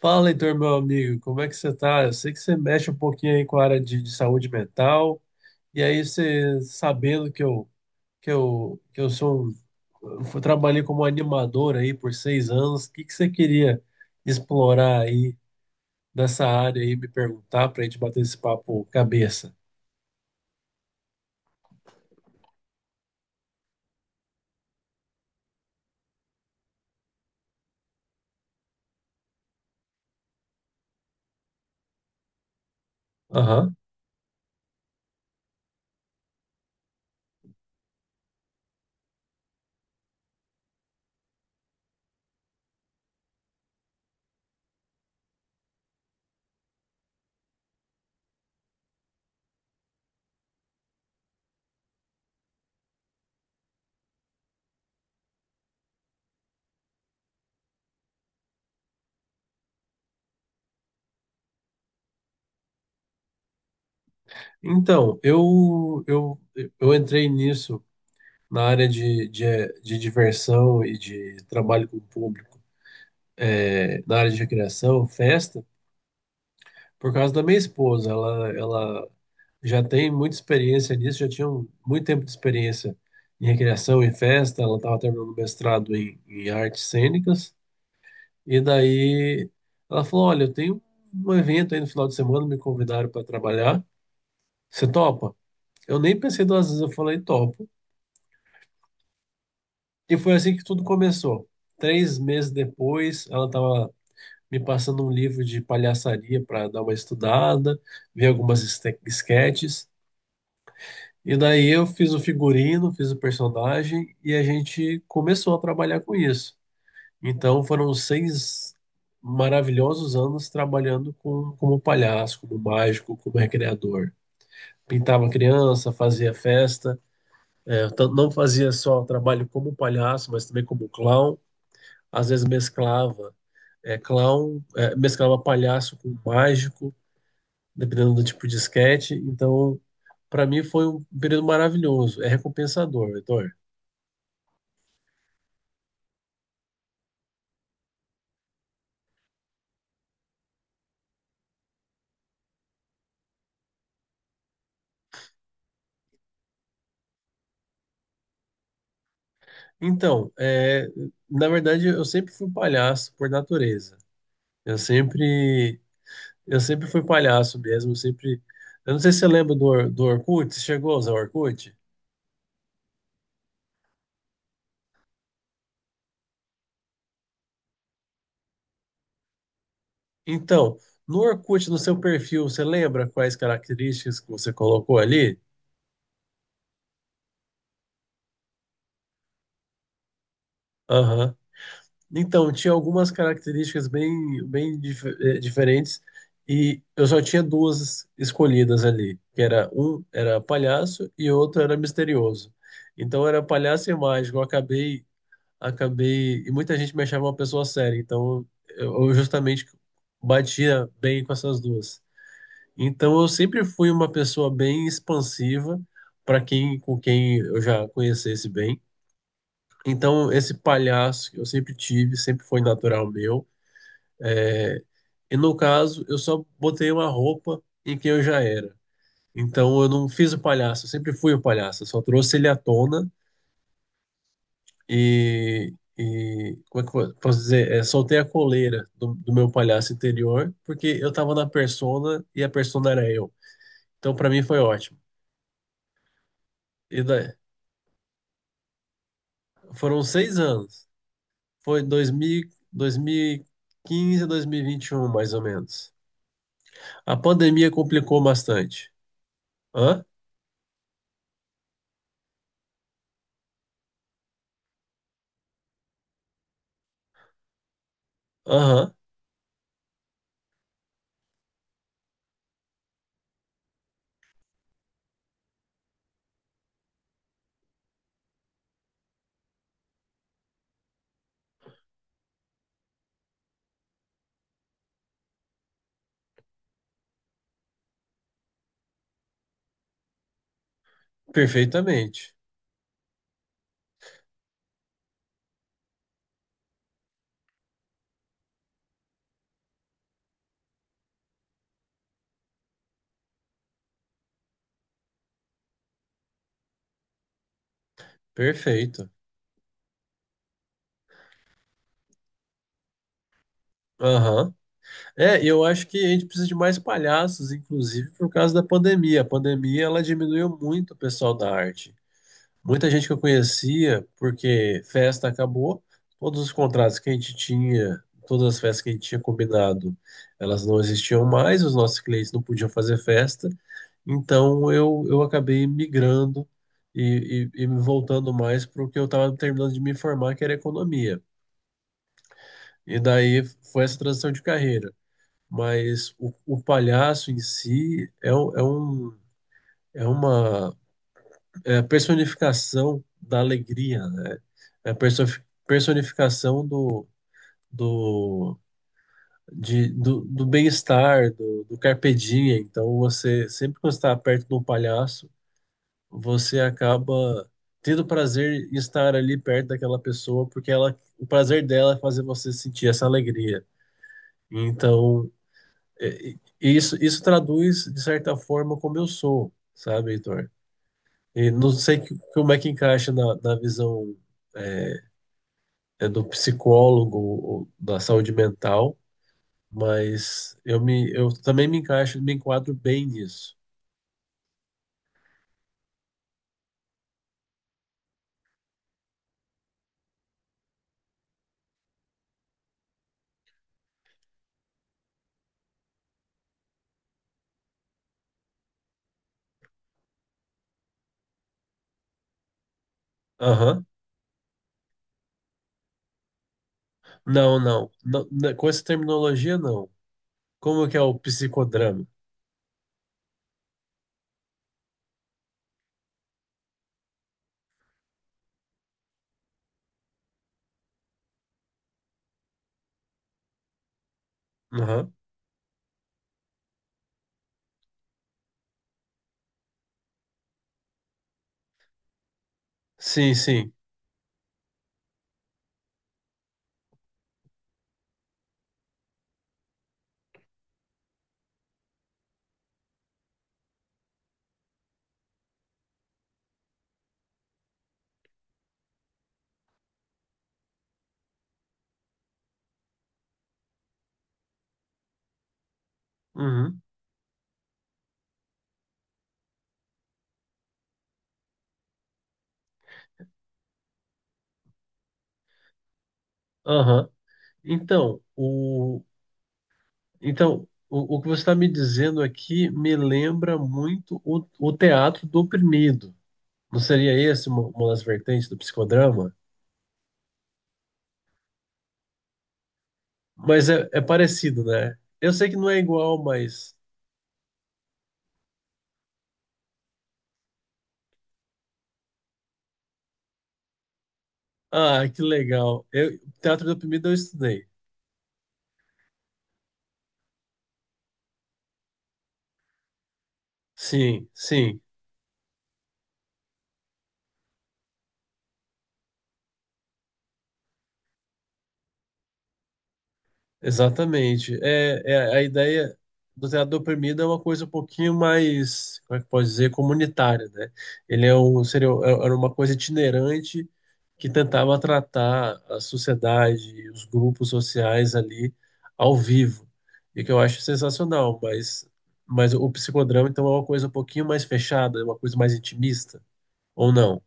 Fala, Heitor, meu amigo, como é que você tá? Eu sei que você mexe um pouquinho aí com a área de saúde mental, e aí você sabendo que eu sou, eu trabalhei como animador aí por seis anos. O que que você queria explorar aí dessa área e me perguntar pra gente bater esse papo cabeça? Aham. Então, eu entrei nisso na área de diversão e de trabalho com o público, na área de recreação, festa, por causa da minha esposa. Ela já tem muita experiência nisso, já tinha muito tempo de experiência em recreação e festa. Ela estava terminando o mestrado em artes cênicas, e daí ela falou: "Olha, eu tenho um evento aí no final de semana, me convidaram para trabalhar, você topa?" Eu nem pensei duas vezes, eu falei: "Topo". E foi assim que tudo começou. Três meses depois, ela estava me passando um livro de palhaçaria para dar uma estudada, ver algumas esquetes. E daí eu fiz o figurino, fiz o personagem e a gente começou a trabalhar com isso. Então foram seis maravilhosos anos trabalhando com, como palhaço, como mágico, como recreador. Pintava criança, fazia festa, não fazia só trabalho como palhaço, mas também como clown. Às vezes mesclava clown, mesclava palhaço com mágico, dependendo do tipo de esquete. Então, para mim foi um período maravilhoso, é recompensador, Heitor. Então, na verdade, eu sempre fui palhaço por natureza. Eu sempre, eu sempre fui palhaço mesmo. Eu sempre. Eu não sei se você lembra do, do Orkut. Você chegou a usar o Orkut? Então, no Orkut, no seu perfil, você lembra quais características que você colocou ali? Aham. Então, tinha algumas características bem, bem diferentes, e eu só tinha duas escolhidas ali, que era um era palhaço e outro era misterioso. Então era palhaço e mágico. Eu acabei, acabei e muita gente me achava uma pessoa séria, então eu justamente batia bem com essas duas. Então eu sempre fui uma pessoa bem expansiva para quem, com quem eu já conhecesse bem. Então, esse palhaço que eu sempre tive, sempre foi natural meu. E no caso, eu só botei uma roupa em quem eu já era. Então eu não fiz o palhaço, eu sempre fui o palhaço, eu só trouxe ele à tona e como é que eu posso dizer? É, soltei a coleira do meu palhaço interior, porque eu tava na persona e a persona era eu. Então pra mim foi ótimo. E daí, foram seis anos. Foi 2000, 2015 a 2021, mais ou menos. A pandemia complicou bastante. Hã? Aham, perfeitamente. Perfeito. Aham. É, eu acho que a gente precisa de mais palhaços, inclusive por causa da pandemia. A pandemia, ela diminuiu muito o pessoal da arte. Muita gente que eu conhecia, porque festa acabou, todos os contratos que a gente tinha, todas as festas que a gente tinha combinado, elas não existiam mais, os nossos clientes não podiam fazer festa, então eu acabei migrando e me voltando mais para o que eu estava terminando de me formar, que era economia. E daí foi essa transição de carreira, mas o palhaço em si é, um- é um é uma é a personificação da alegria, né? É a perso- Personificação do do bem-estar, do carpe diem. Então você sempre, quando está perto de um palhaço, você acaba tendo prazer em estar ali perto daquela pessoa, porque ela, o prazer dela é fazer você sentir essa alegria. Então é, e isso traduz, de certa forma, como eu sou, sabe, Heitor? E não sei como é que encaixa na visão é, do psicólogo ou da saúde mental, mas eu também me encaixo, me enquadro bem nisso. Aham. Não, não, não, né, com essa terminologia, não. Como que é o psicodrama? Aham. Sim, sim. Uhum. Aham. Então, o, Então, o que você está me dizendo aqui me lembra muito o teatro do oprimido. Não seria esse uma das vertentes do psicodrama? Mas é, é parecido, né? Eu sei que não é igual, mas. Ah, que legal. Eu, teatro do oprimido eu estudei. Sim, sim. Exatamente. É a ideia do teatro do oprimido é uma coisa um pouquinho mais, como é que pode dizer, comunitária, né? Ele é um, seria, é, era uma coisa itinerante que tentava tratar a sociedade, os grupos sociais ali ao vivo, e que eu acho sensacional, mas o psicodrama então é uma coisa um pouquinho mais fechada, é uma coisa mais intimista, ou não?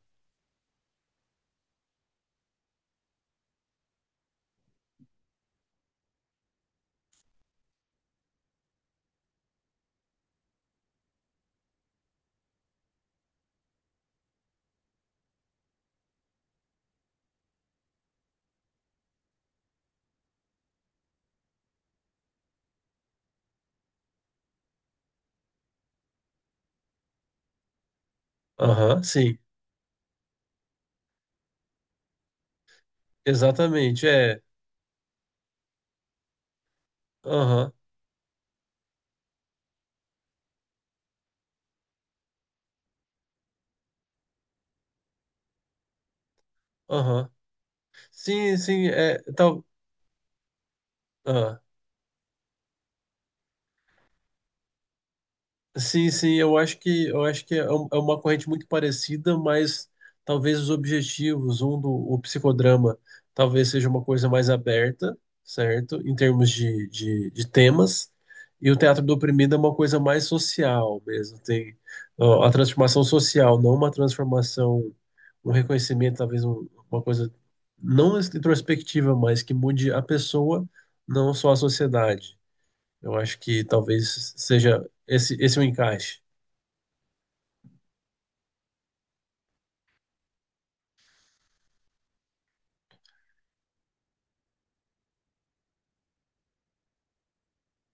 Aham, sim, exatamente, é. Aham, aham. Sim, sim, é, tal, ah. Sim, sim, eu acho que é é uma corrente muito parecida, mas talvez os objetivos, um do o psicodrama, talvez seja uma coisa mais aberta, certo? Em termos de temas, e o teatro do oprimido é uma coisa mais social mesmo, tem ó, a transformação social, não uma transformação, um reconhecimento, talvez uma coisa não introspectiva, mas que mude a pessoa, não só a sociedade. Eu acho que talvez seja esse, esse é o encaixe.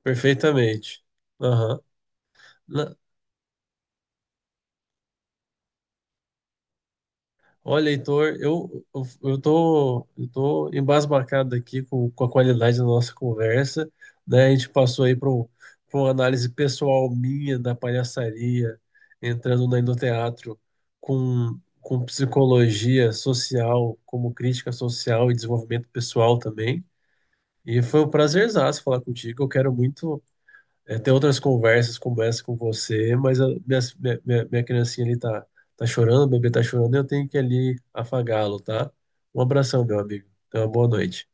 Perfeitamente. Aham. Na. Olha, Heitor, eu tô embasbacado aqui com a qualidade da nossa conversa, né? A gente passou aí para uma análise pessoal minha da palhaçaria, entrando no endoteatro com psicologia social, como crítica social e desenvolvimento pessoal também. E foi um prazerzaço falar contigo. Eu quero muito ter outras conversas como essa com você, mas a minha criancinha ali tá, tá chorando, o bebê tá chorando, eu tenho que ali afagá-lo, tá? Um abração, meu amigo. Tenha uma boa noite.